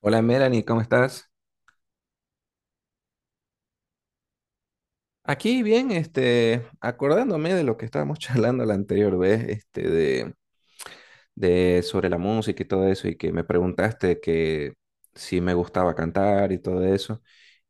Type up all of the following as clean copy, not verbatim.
Hola Melanie, ¿cómo estás? Aquí bien, acordándome de lo que estábamos charlando la anterior vez, de sobre la música y todo eso, y que me preguntaste que si me gustaba cantar y todo eso,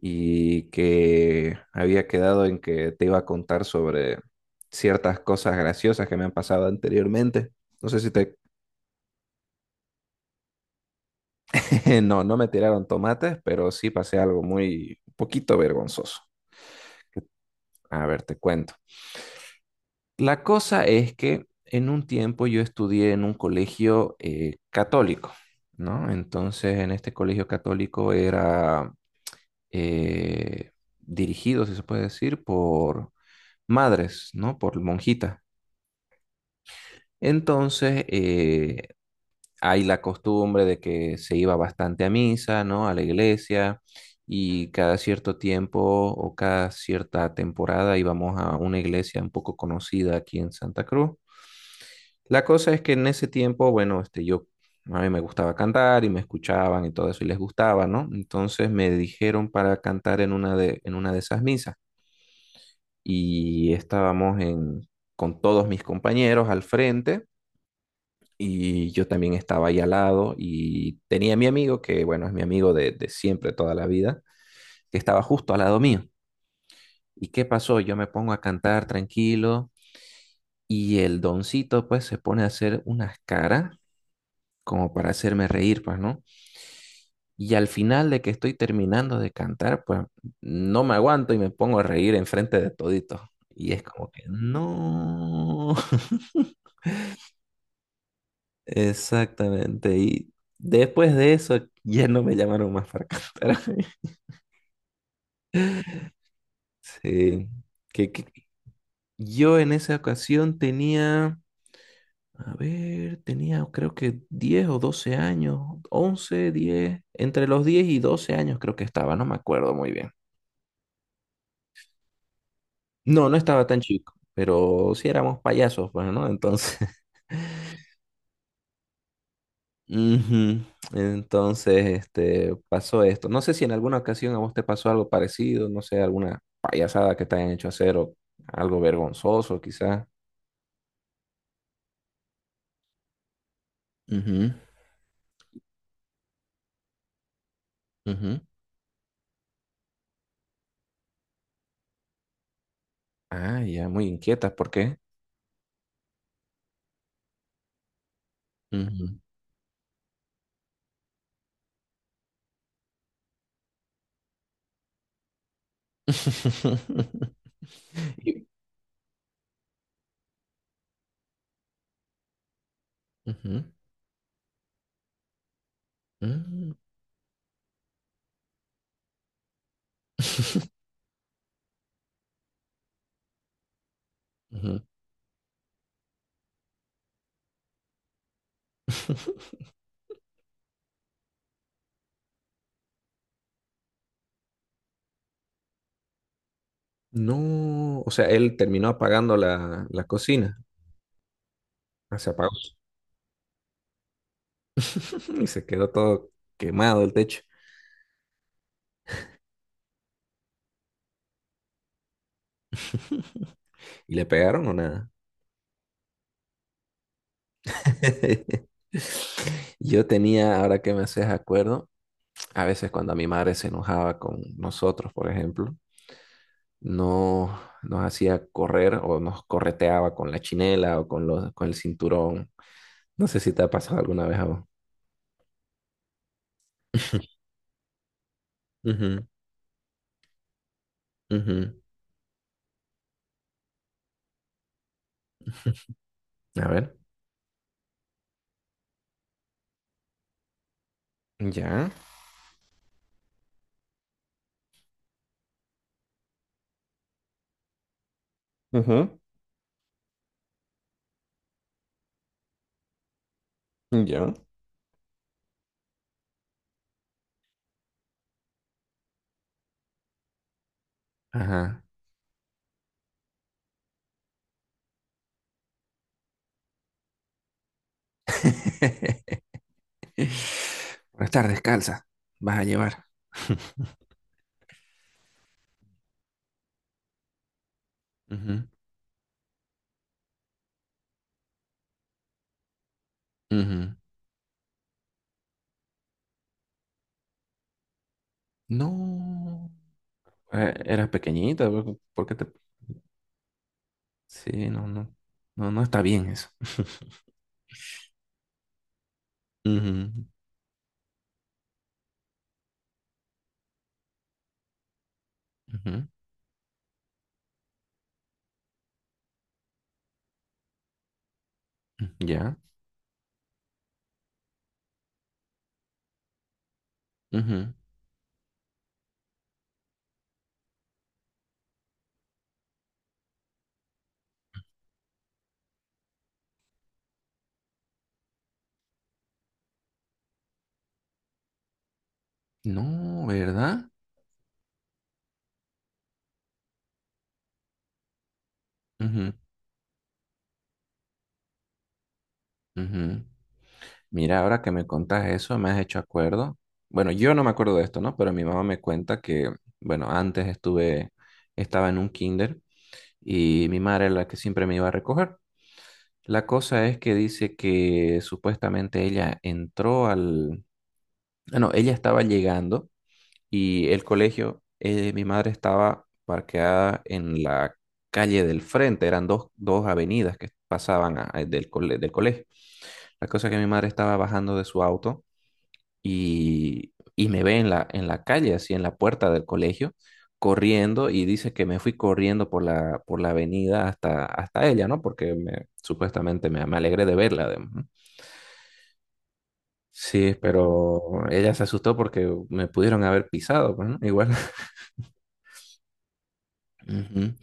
y que había quedado en que te iba a contar sobre ciertas cosas graciosas que me han pasado anteriormente. No sé si te, no, no me tiraron tomates, pero sí pasé algo muy, un poquito vergonzoso. A ver, te cuento. La cosa es que en un tiempo yo estudié en un colegio católico, ¿no? Entonces, en este colegio católico era eh, dirigido, si se puede decir, por madres, ¿no? Por monjitas. Entonces, hay la costumbre de que se iba bastante a misa, ¿no? A la iglesia y cada cierto tiempo o cada cierta temporada íbamos a una iglesia un poco conocida aquí en Santa Cruz. La cosa es que en ese tiempo, bueno, a mí me gustaba cantar y me escuchaban y todo eso y les gustaba, ¿no? Entonces me dijeron para cantar en en una de esas misas y estábamos en, con todos mis compañeros al frente y yo también estaba ahí al lado y tenía a mi amigo, que bueno, es mi amigo de siempre, toda la vida, que estaba justo al lado mío. ¿Y qué pasó? Yo me pongo a cantar tranquilo y el doncito pues se pone a hacer unas caras como para hacerme reír, pues, ¿no? Y al final de que estoy terminando de cantar, pues no me aguanto y me pongo a reír enfrente de todito. Y es como que no. Exactamente. Y después de eso ya no me llamaron más para cantar. Sí. Que, que- yo en esa ocasión tenía, a ver, tenía creo que 10 o 12 años, 11, 10, entre los 10 y 12 años creo que estaba, no me acuerdo muy bien. No, no estaba tan chico, pero sí éramos payasos, pues, ¿no? Entonces, ujú. Entonces, este, pasó esto. No sé si en alguna ocasión a vos te pasó algo parecido, no sé, alguna payasada que te hayan hecho hacer o algo vergonzoso, quizás. Ujú, ujú. Ah, ya, muy inquietas, ¿por qué? Ujú. Y- ujú. Mm. ujú. No, o sea, él terminó apagando la cocina. Ah, se apagó. Y se quedó todo quemado el techo. ¿Y le pegaron o nada? Yo tenía, ahora que me haces acuerdo, a veces cuando mi madre se enojaba con nosotros, por ejemplo, no nos hacía correr o nos correteaba con la chinela o con con el cinturón. No sé si te ha pasado alguna vez a vos. Ujú, ujú. A ver. Ya. Ujú. Ya. Ajá. Por estar descalza, vas a llevar. Ujú, ujú. No, eras pequeñita, ¿por qué te...? Sí, no, no, no, no está bien eso. Ujú, ujú. Ya. Ujú. No, ¿verdad? Ujú, ujú. Mira, ahora que me contas eso, me has hecho acuerdo. Bueno, yo no me acuerdo de esto, ¿no? Pero mi mamá me cuenta que, bueno, estaba en un kinder y mi madre era la que siempre me iba a recoger. La cosa es que dice que supuestamente ella entró al... Ah, no, ella estaba llegando y el colegio, mi madre estaba parqueada en la calle del frente, eran dos avenidas que pasaban del colegio. La cosa es que mi madre estaba bajando de su auto y me ve en en la calle, así en la puerta del colegio, corriendo y dice que me fui corriendo por por la avenida hasta, hasta ella, ¿no? Porque supuestamente me alegré de verla, además. ¿No? Sí, pero ella se asustó porque me pudieron haber pisado, pues, ¿no? Igual. Ujú.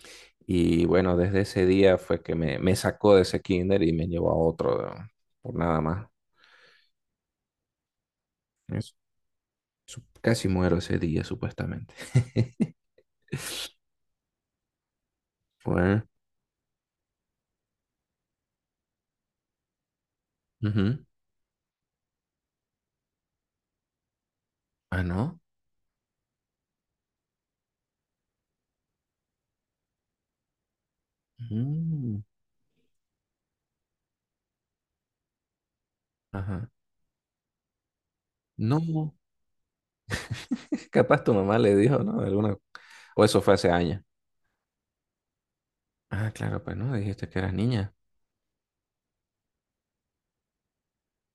Y bueno, desde ese día fue que me sacó de ese kinder y me llevó a otro, ¿no? Por nada más. Es- casi muero ese día, supuestamente. Fue- ujú. Ah, no. Mm. Ajá. No, capaz tu mamá le dijo, ¿no? Alguna... O eso fue hace años. Ah, claro, pues no, dijiste que eras niña.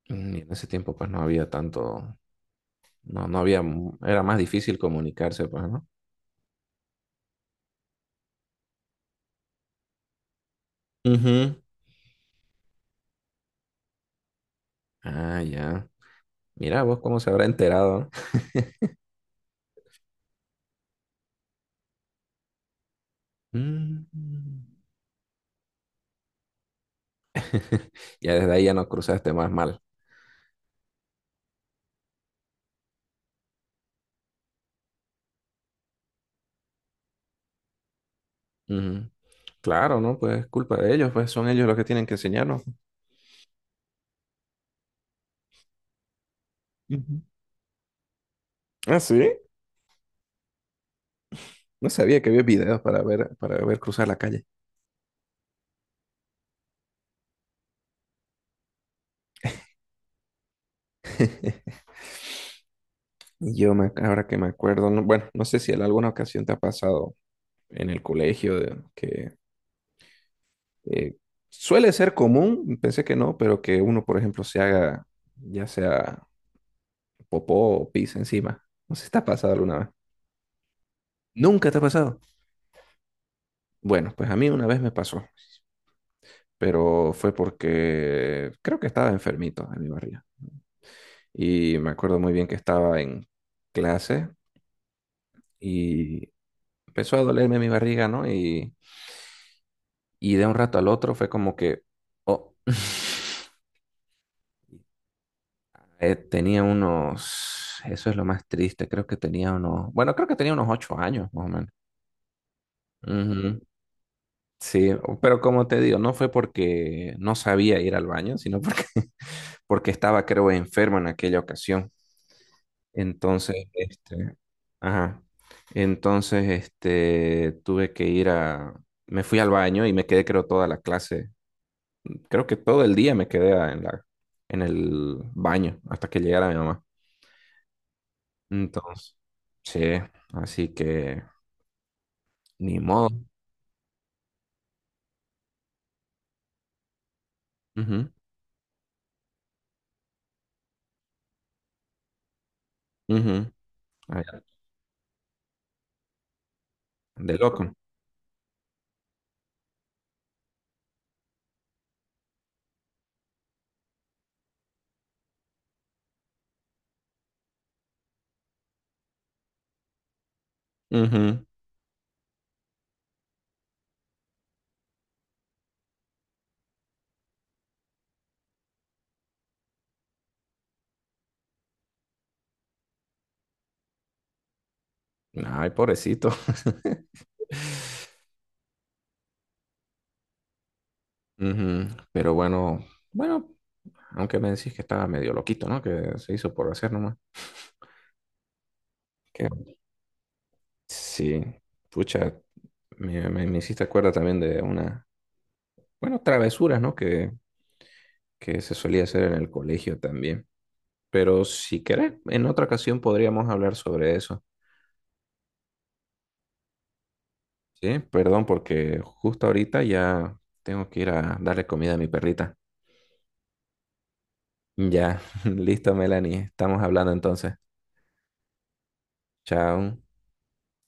Mm. Y en ese tiempo, pues no había tanto, no, no había, era más difícil comunicarse, pues, ¿no? Ujú. Ah, ya. Mira vos cómo se habrá enterado, ¿no? Mm. Ya desde ahí ya nos cruzaste más mal. Ujú. Claro, ¿no? Pues culpa de ellos, pues son ellos los que tienen que enseñarnos. Ujú. Ah, sí. No sabía que había videos para ver cruzar la calle. Y yo me, ahora que me acuerdo, bueno, no sé si en alguna ocasión te ha pasado en el colegio que eh, suele ser común, pensé que no, pero que uno, por ejemplo, se haga ya sea popó o pis encima. No sé si te ha pasado alguna vez. ¿Nunca te ha pasado? Bueno, pues a mí una vez me pasó, pero fue porque creo que estaba enfermito en mi barriga. Y me acuerdo muy bien que estaba en clase y empezó a dolerme mi barriga, ¿no? Y de un rato al otro fue como que, oh. Eh, tenía unos, eso es lo más triste, creo que tenía unos, bueno, creo que tenía unos 8 años, más o menos. Ujú. Sí, o- pero como te digo, no fue porque no sabía ir al baño, sino porque, porque estaba, creo, enfermo en aquella ocasión. Entonces, este, ajá. Entonces, este, tuve que ir a, me fui al baño y me quedé, creo, toda la clase. Creo que todo el día me quedé en en el baño hasta que llegara mi mamá. Entonces, sí, así que ni modo. Ujú, ujú. Ay, de loco. Ujú. Ay, pobrecito. Ujú. Pero bueno, bueno, aunque me decís que estaba medio loquito, ¿no? Que se hizo por hacer nomás. ¿Qué... Sí, pucha, me hiciste acuerdo también de una, bueno, travesuras, ¿no? Que se solía hacer en el colegio también. Pero si querés, en otra ocasión podríamos hablar sobre eso. Sí, perdón, porque justo ahorita ya tengo que ir a darle comida a mi perrita. Ya, listo, Melanie, estamos hablando entonces. Chao.